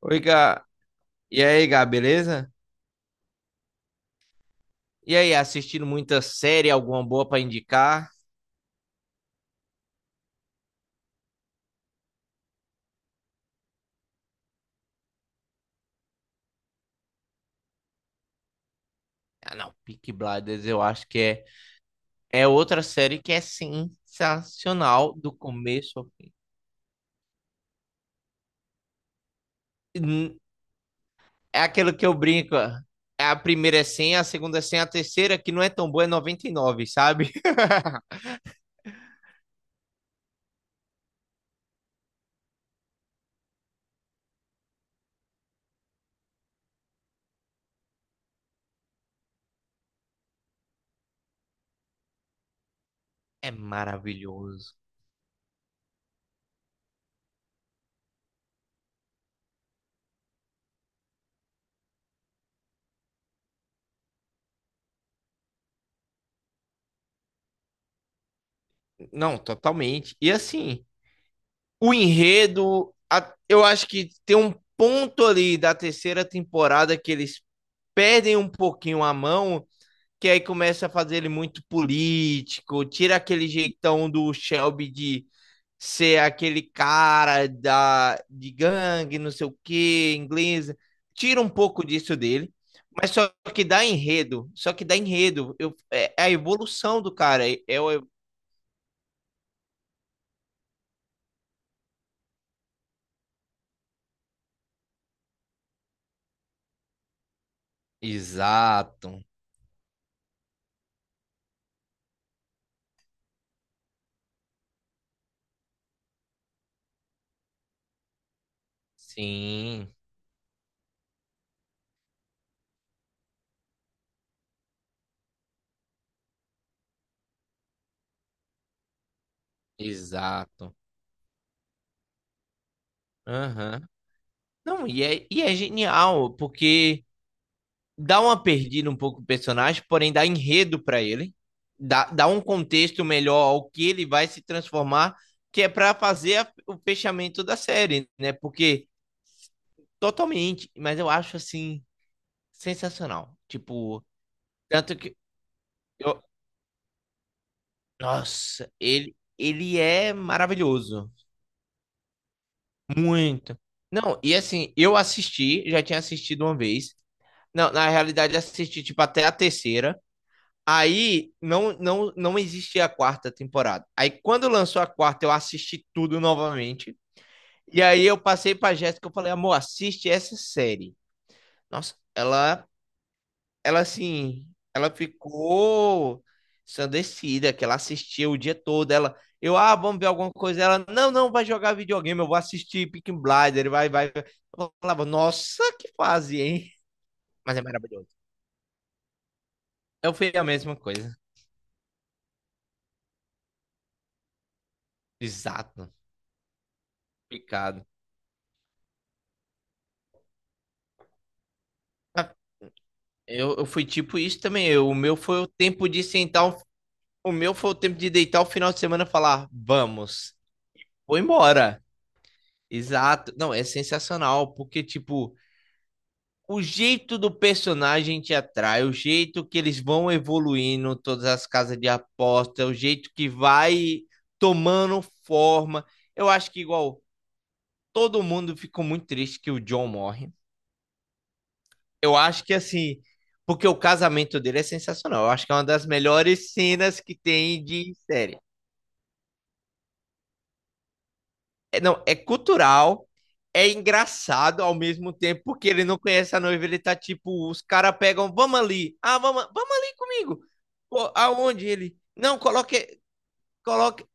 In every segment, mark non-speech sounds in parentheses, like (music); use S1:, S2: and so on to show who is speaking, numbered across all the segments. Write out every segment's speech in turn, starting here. S1: Oi, Gá. E aí, Gá, beleza? E aí, assistindo muita série, alguma boa pra indicar? Ah, não, Peaky Blinders eu acho que é outra série que é sensacional do começo ao fim. Hum, É aquilo que eu brinco, ó. A primeira é 100, a segunda é 100, a terceira, que não é tão boa, é 99, sabe? (laughs) É maravilhoso. Não, totalmente. E assim, o enredo, eu acho que tem um ponto ali da terceira temporada que eles perdem um pouquinho a mão, que aí começa a fazer ele muito político, tira aquele jeitão do Shelby de ser aquele cara de gangue, não sei o que, inglesa. Tira um pouco disso dele, mas só que dá enredo. Só que dá enredo. É a evolução do cara. Exato. Sim, exato. Aham. Não, e é genial, porque dá uma perdida um pouco o personagem, porém dá enredo para ele, dá um contexto melhor ao que ele vai se transformar, que é para fazer o fechamento da série, né? Porque totalmente, mas eu acho assim sensacional. Tipo, tanto que eu, nossa, ele é maravilhoso, muito. Não, e assim, eu assisti, já tinha assistido uma vez. Não, na realidade assisti tipo até a terceira. Aí não, não, não existia a quarta temporada. Aí quando lançou a quarta, eu assisti tudo novamente. E aí eu passei pra Jéssica, eu falei, amor, assiste essa série. Nossa, ela assim, ela ficou ensandecida, que ela assistia o dia todo. Ela, eu, ah, vamos ver alguma coisa. Ela, não, não, vai jogar videogame, eu vou assistir Peaky Blinders, vai, vai. Eu falava, nossa, que fase, hein? Mas é maravilhoso. Eu fiz a mesma coisa. Exato, picado. Eu fui tipo isso também. O meu foi o tempo de sentar, o meu foi o tempo de deitar o final de semana e falar, vamos, vou embora. Exato. Não, é sensacional, porque, tipo, o jeito do personagem te atrai, o jeito que eles vão evoluindo, todas as casas de aposta, o jeito que vai tomando forma. Eu acho que, igual, todo mundo ficou muito triste que o John morre. Eu acho que assim, porque o casamento dele é sensacional. Eu acho que é uma das melhores cenas que tem de série. É, não, é cultural, é engraçado ao mesmo tempo, porque ele não conhece a noiva, ele tá tipo, os caras pegam, vamos ali, ah, vamos ali comigo. Pô, aonde ele? Não, coloque, coloque.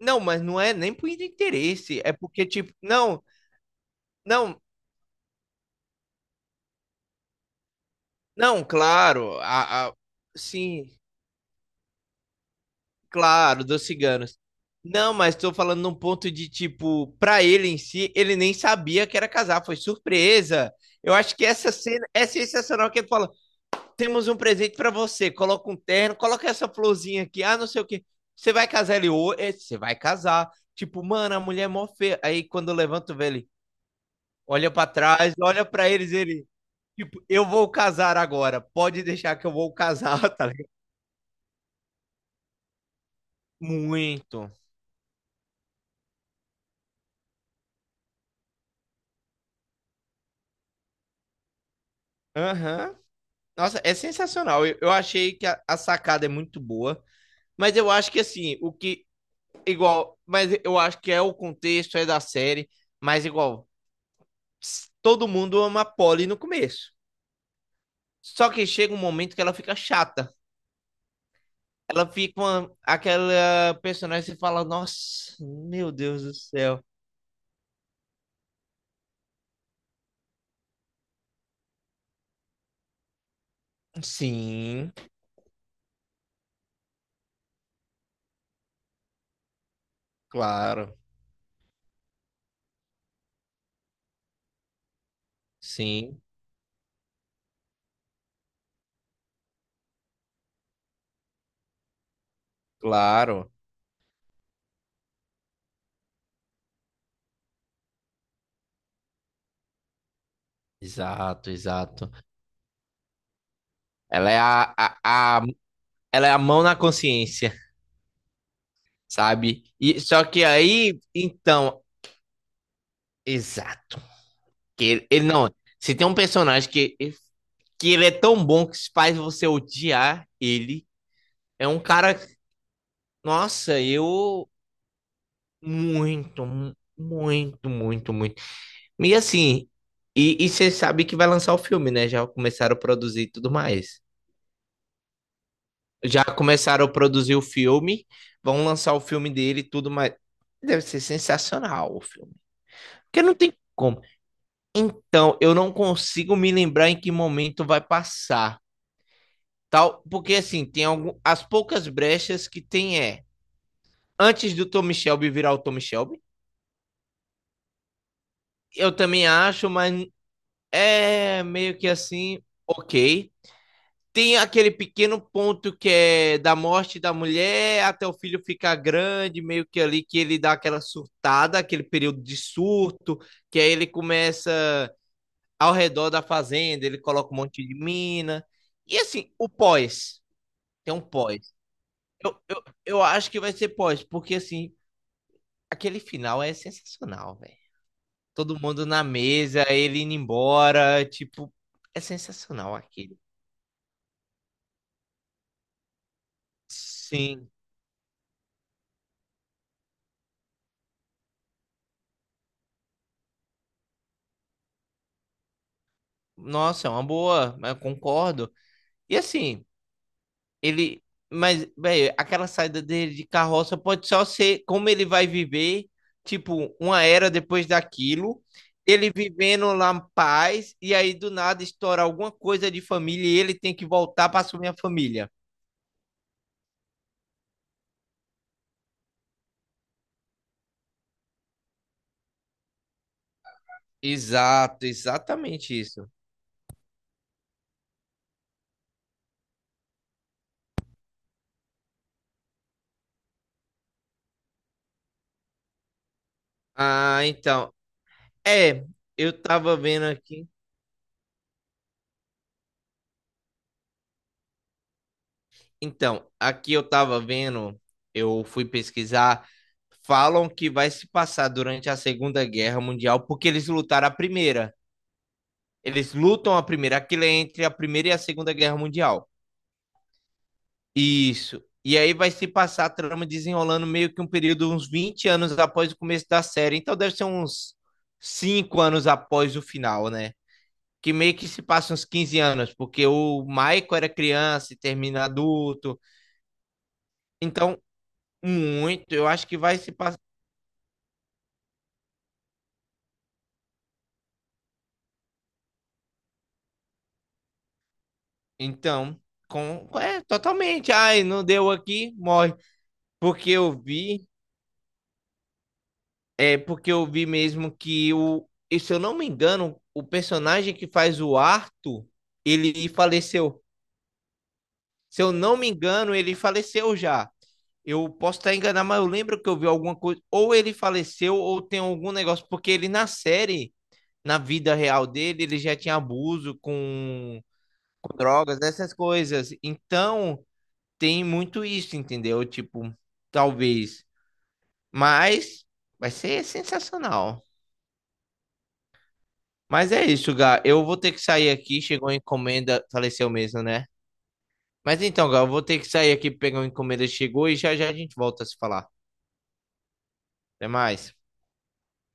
S1: Não, mas não é nem por interesse, é porque tipo, não, não, não, claro, sim, claro, dos ciganos. Não, mas estou falando num ponto de tipo, pra ele em si, ele nem sabia que era casar, foi surpresa. Eu acho que essa cena é sensacional que ele fala: "Temos um presente pra você, coloca um terno, coloca essa florzinha aqui, ah, não sei o quê. Você vai casar ele ou você vai casar". Tipo, mano, a mulher é mó feia. Aí quando levanta o velho, olha pra trás, olha pra eles, ele, tipo, eu vou casar agora. Pode deixar que eu vou casar, (laughs) tá ligado? Muito. Aham. Nossa, é sensacional. Eu achei que a sacada é muito boa, mas eu acho que assim, o que igual, mas eu acho que é o contexto é da série, mas igual, ps, todo mundo ama a Polly no começo. Só que chega um momento que ela fica chata. Ela fica uma, aquela personagem que você fala: "Nossa, meu Deus do céu". Sim, claro. Sim, claro. Exato, exato. Ela é a, a, a- ela é a mão na consciência, sabe? E só que aí, então, exato. Que ele não, se tem um personagem que ele é tão bom que faz você odiar ele, é um cara, nossa, eu muito, muito, muito, muito. E assim, e você sabe que vai lançar o filme, né? Já começaram a produzir e tudo mais. Já começaram a produzir o filme, vão lançar o filme dele e tudo mais. Deve ser sensacional o filme. Porque não tem como. Então, eu não consigo me lembrar em que momento vai passar, tal, porque assim, tem algum, as poucas brechas que tem é antes do Tommy Shelby virar o Tommy Shelby. Eu também acho, mas é meio que assim, OK. Tem aquele pequeno ponto que é da morte da mulher até o filho ficar grande, meio que ali que ele dá aquela surtada, aquele período de surto, que aí ele começa ao redor da fazenda, ele coloca um monte de mina. E assim, o pós, tem um pós. Eu acho que vai ser pós, porque assim, aquele final é sensacional, velho. Todo mundo na mesa, ele indo embora, tipo, é sensacional aquilo. Sim, nossa, é uma boa, eu concordo. E assim, Ele, mas, velho, aquela saída dele de carroça pode só ser como ele vai viver, tipo, uma era depois daquilo, ele vivendo lá em paz, e aí do nada estoura alguma coisa de família e ele tem que voltar para assumir a família. Exato, exatamente isso. Ah, então, é, eu tava vendo aqui. Então, aqui eu tava vendo, eu fui pesquisar, falam que vai se passar durante a Segunda Guerra Mundial porque eles lutaram a primeira. Eles lutam a primeira, aquilo é entre a Primeira e a Segunda Guerra Mundial. Isso. E aí vai se passar a trama desenrolando meio que um período uns 20 anos após o começo da série. Então deve ser uns 5 anos após o final, né? Que meio que se passa uns 15 anos, porque o Michael era criança e termina adulto. Então, muito, eu acho que vai se passar. Então, é, totalmente. Ai, não deu aqui, morre. Porque eu vi É porque eu vi mesmo que o, e se eu não me engano, o personagem que faz o Arthur, ele faleceu. Se eu não me engano, ele faleceu já. Eu posso estar enganado, mas eu lembro que eu vi alguma coisa. Ou ele faleceu, ou tem algum negócio. Porque ele na série, na vida real dele, ele já tinha abuso com drogas, essas coisas. Então, tem muito isso, entendeu? Tipo, talvez. Mas vai ser sensacional. Mas é isso, Gá. Eu vou ter que sair aqui. Chegou a encomenda. Faleceu mesmo, né? Mas então, Gá, eu vou ter que sair aqui pegar uma encomenda. Chegou e já já a gente volta a se falar. Até mais.